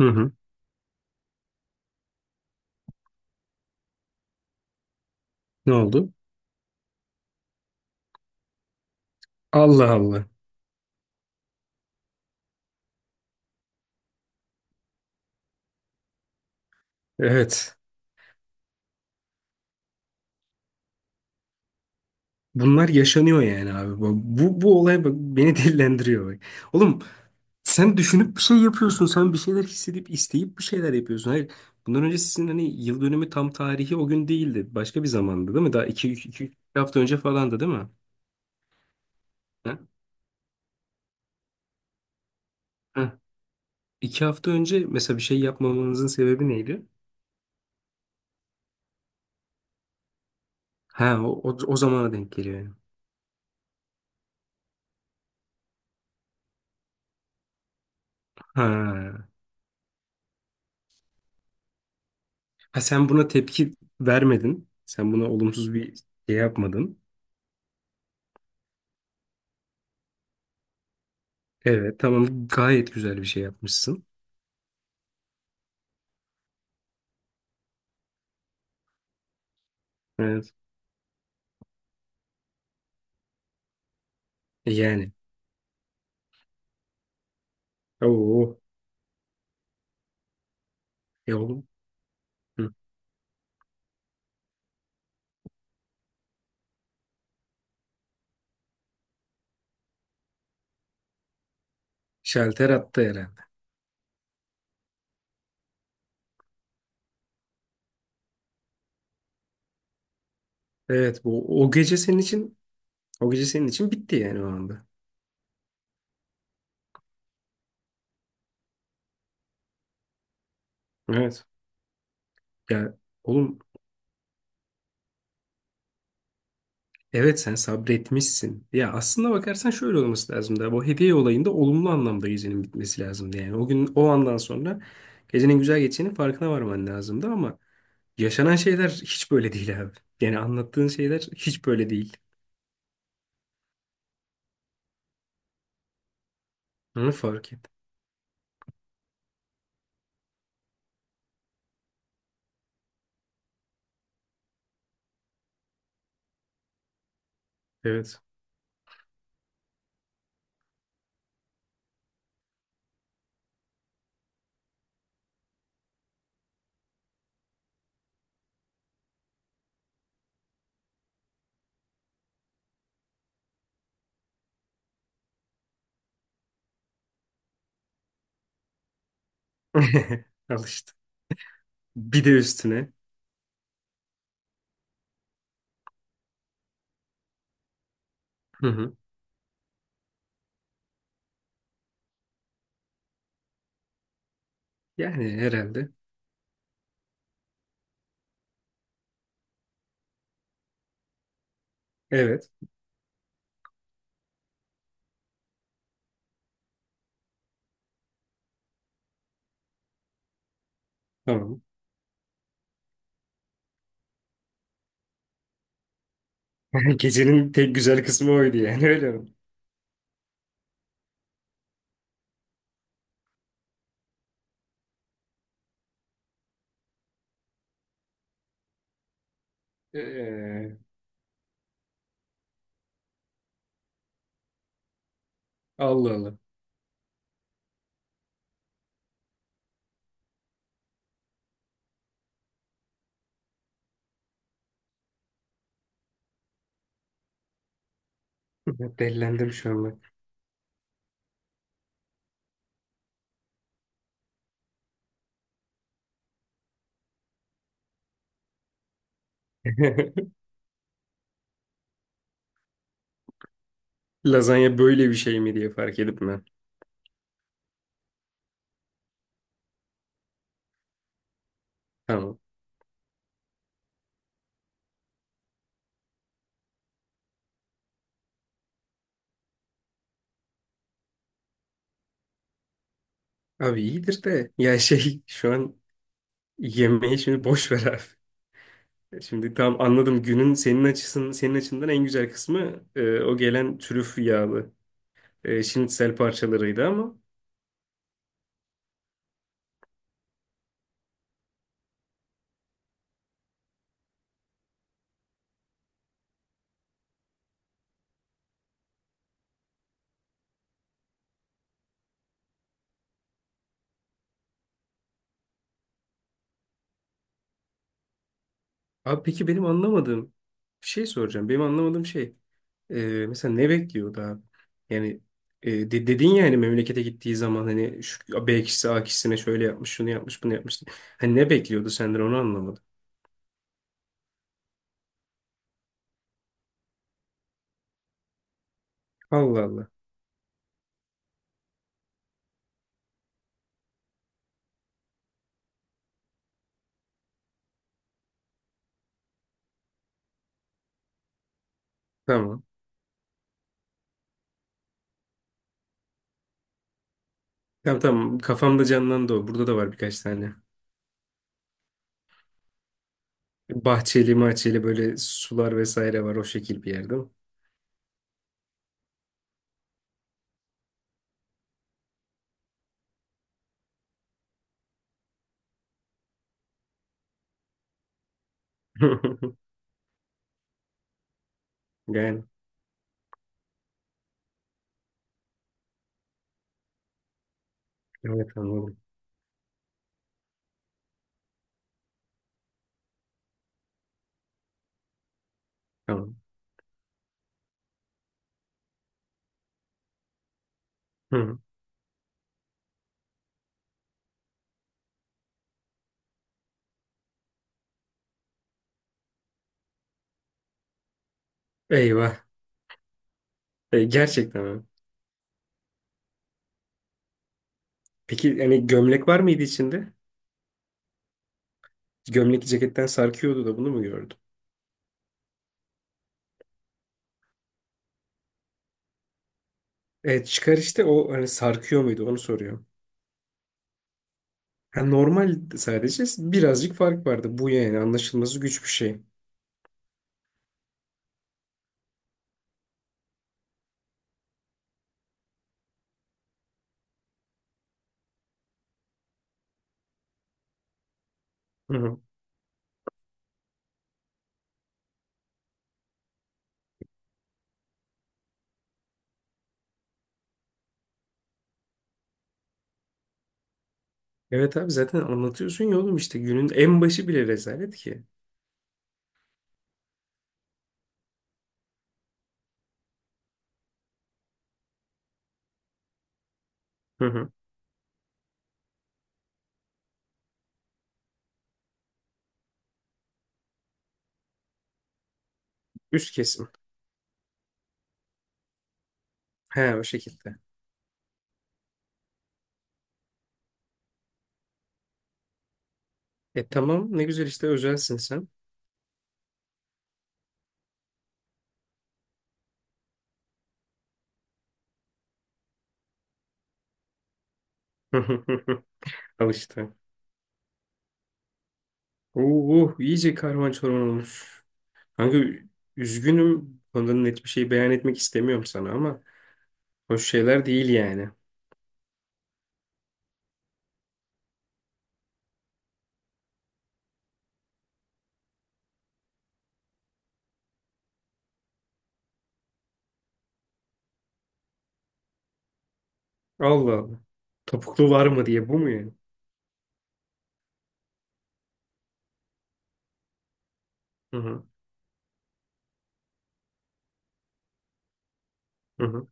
Hı hı. Ne oldu? Allah Allah. Evet. Bunlar yaşanıyor yani abi. Bu olay bak, beni dillendiriyor bak. Oğlum sen düşünüp bir şey yapıyorsun. Sen bir şeyler hissedip isteyip bir şeyler yapıyorsun. Hayır. Bundan önce sizin hani yıl dönümü tam tarihi o gün değildi. Başka bir zamandı değil mi? Daha iki hafta önce falandı değil mi? Ha? Ha. 2 hafta önce mesela bir şey yapmamanızın sebebi neydi? Ha o zamana denk geliyor yani. Ha. Ha sen buna tepki vermedin. Sen buna olumsuz bir şey yapmadın. Evet, tamam, gayet güzel bir şey yapmışsın. Evet. E yani. Oo. Ya oğlum. Hı. Şalter attı herhalde. Evet, bu o gece senin için bitti yani o anda. Evet. Ya oğlum, evet sen sabretmişsin. Ya aslında bakarsan şöyle olması lazım da bu hediye olayında olumlu anlamda gecenin bitmesi lazımdı yani. O gün o andan sonra gecenin güzel geçeceğinin farkına varman lazımdı ama yaşanan şeyler hiç böyle değil abi. Yani anlattığın şeyler hiç böyle değil. Onu fark et. Evet. Al işte. Bir de üstüne. Hı hı. Yani herhalde. Evet. Tamam. Gecenin tek güzel kısmı oydu yani öyle mi? Ee, Allah Allah. Dellendim şu an bak. Lazanya böyle bir şey mi diye fark edip ben. Tamam. Abi iyidir de ya şey şu an yemeği şimdi boş ver abi. Şimdi tamam anladım günün senin açından en güzel kısmı o gelen trüf yağlı şinitsel parçalarıydı ama abi peki benim anlamadığım bir şey soracağım. Benim anlamadığım şey mesela ne bekliyordu abi? Yani dedin ya hani memlekete gittiği zaman hani şu B kişisi A kişisine şöyle yapmış, şunu yapmış, bunu yapmış. Hani ne bekliyordu senden onu anlamadım. Allah Allah. Tamam. Tamam, tamam. Kafamda canlandı o. Burada da var birkaç tane. Bahçeli mahçeli böyle sular vesaire var o şekil bir yerde mi? Yani evet anladım. Tamam. Hı. Eyvah. Gerçekten mi? Peki yani gömlek var mıydı içinde? Gömlek ceketten sarkıyordu da bunu mu gördüm? Evet çıkar işte o hani sarkıyor muydu onu soruyor. Ha, normal sadece birazcık fark vardı. Bu yani anlaşılması güç bir şey. Hı hı. Evet abi zaten anlatıyorsun ya oğlum işte günün en başı bile rezalet ki. Hı hı. Üst kesim. He o şekilde. E tamam ne güzel işte özelsin sen. Al işte. Oo, iyice karman çorman olmuş. Kanka üzgünüm. Ondan net bir şey beyan etmek istemiyorum sana ama hoş şeyler değil yani. Allah Allah. Topuklu var mı diye bu mu yani? Hı hı. Hı hı.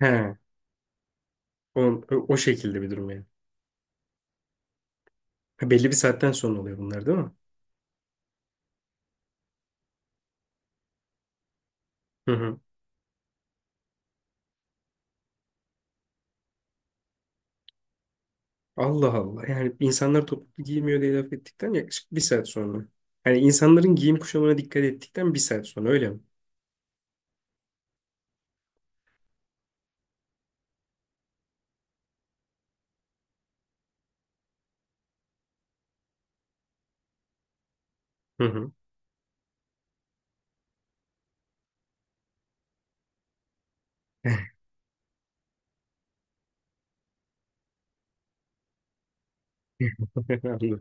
He, o, o şekilde bir durum yani. Ha, belli bir saatten sonra oluyor bunlar değil mi? Hı hı. Allah Allah. Yani insanlar topuklu giymiyor diye laf ettikten yaklaşık bir saat sonra. Yani insanların giyim kuşamına dikkat ettikten bir saat sonra öyle mi? Hı hı. Anladım.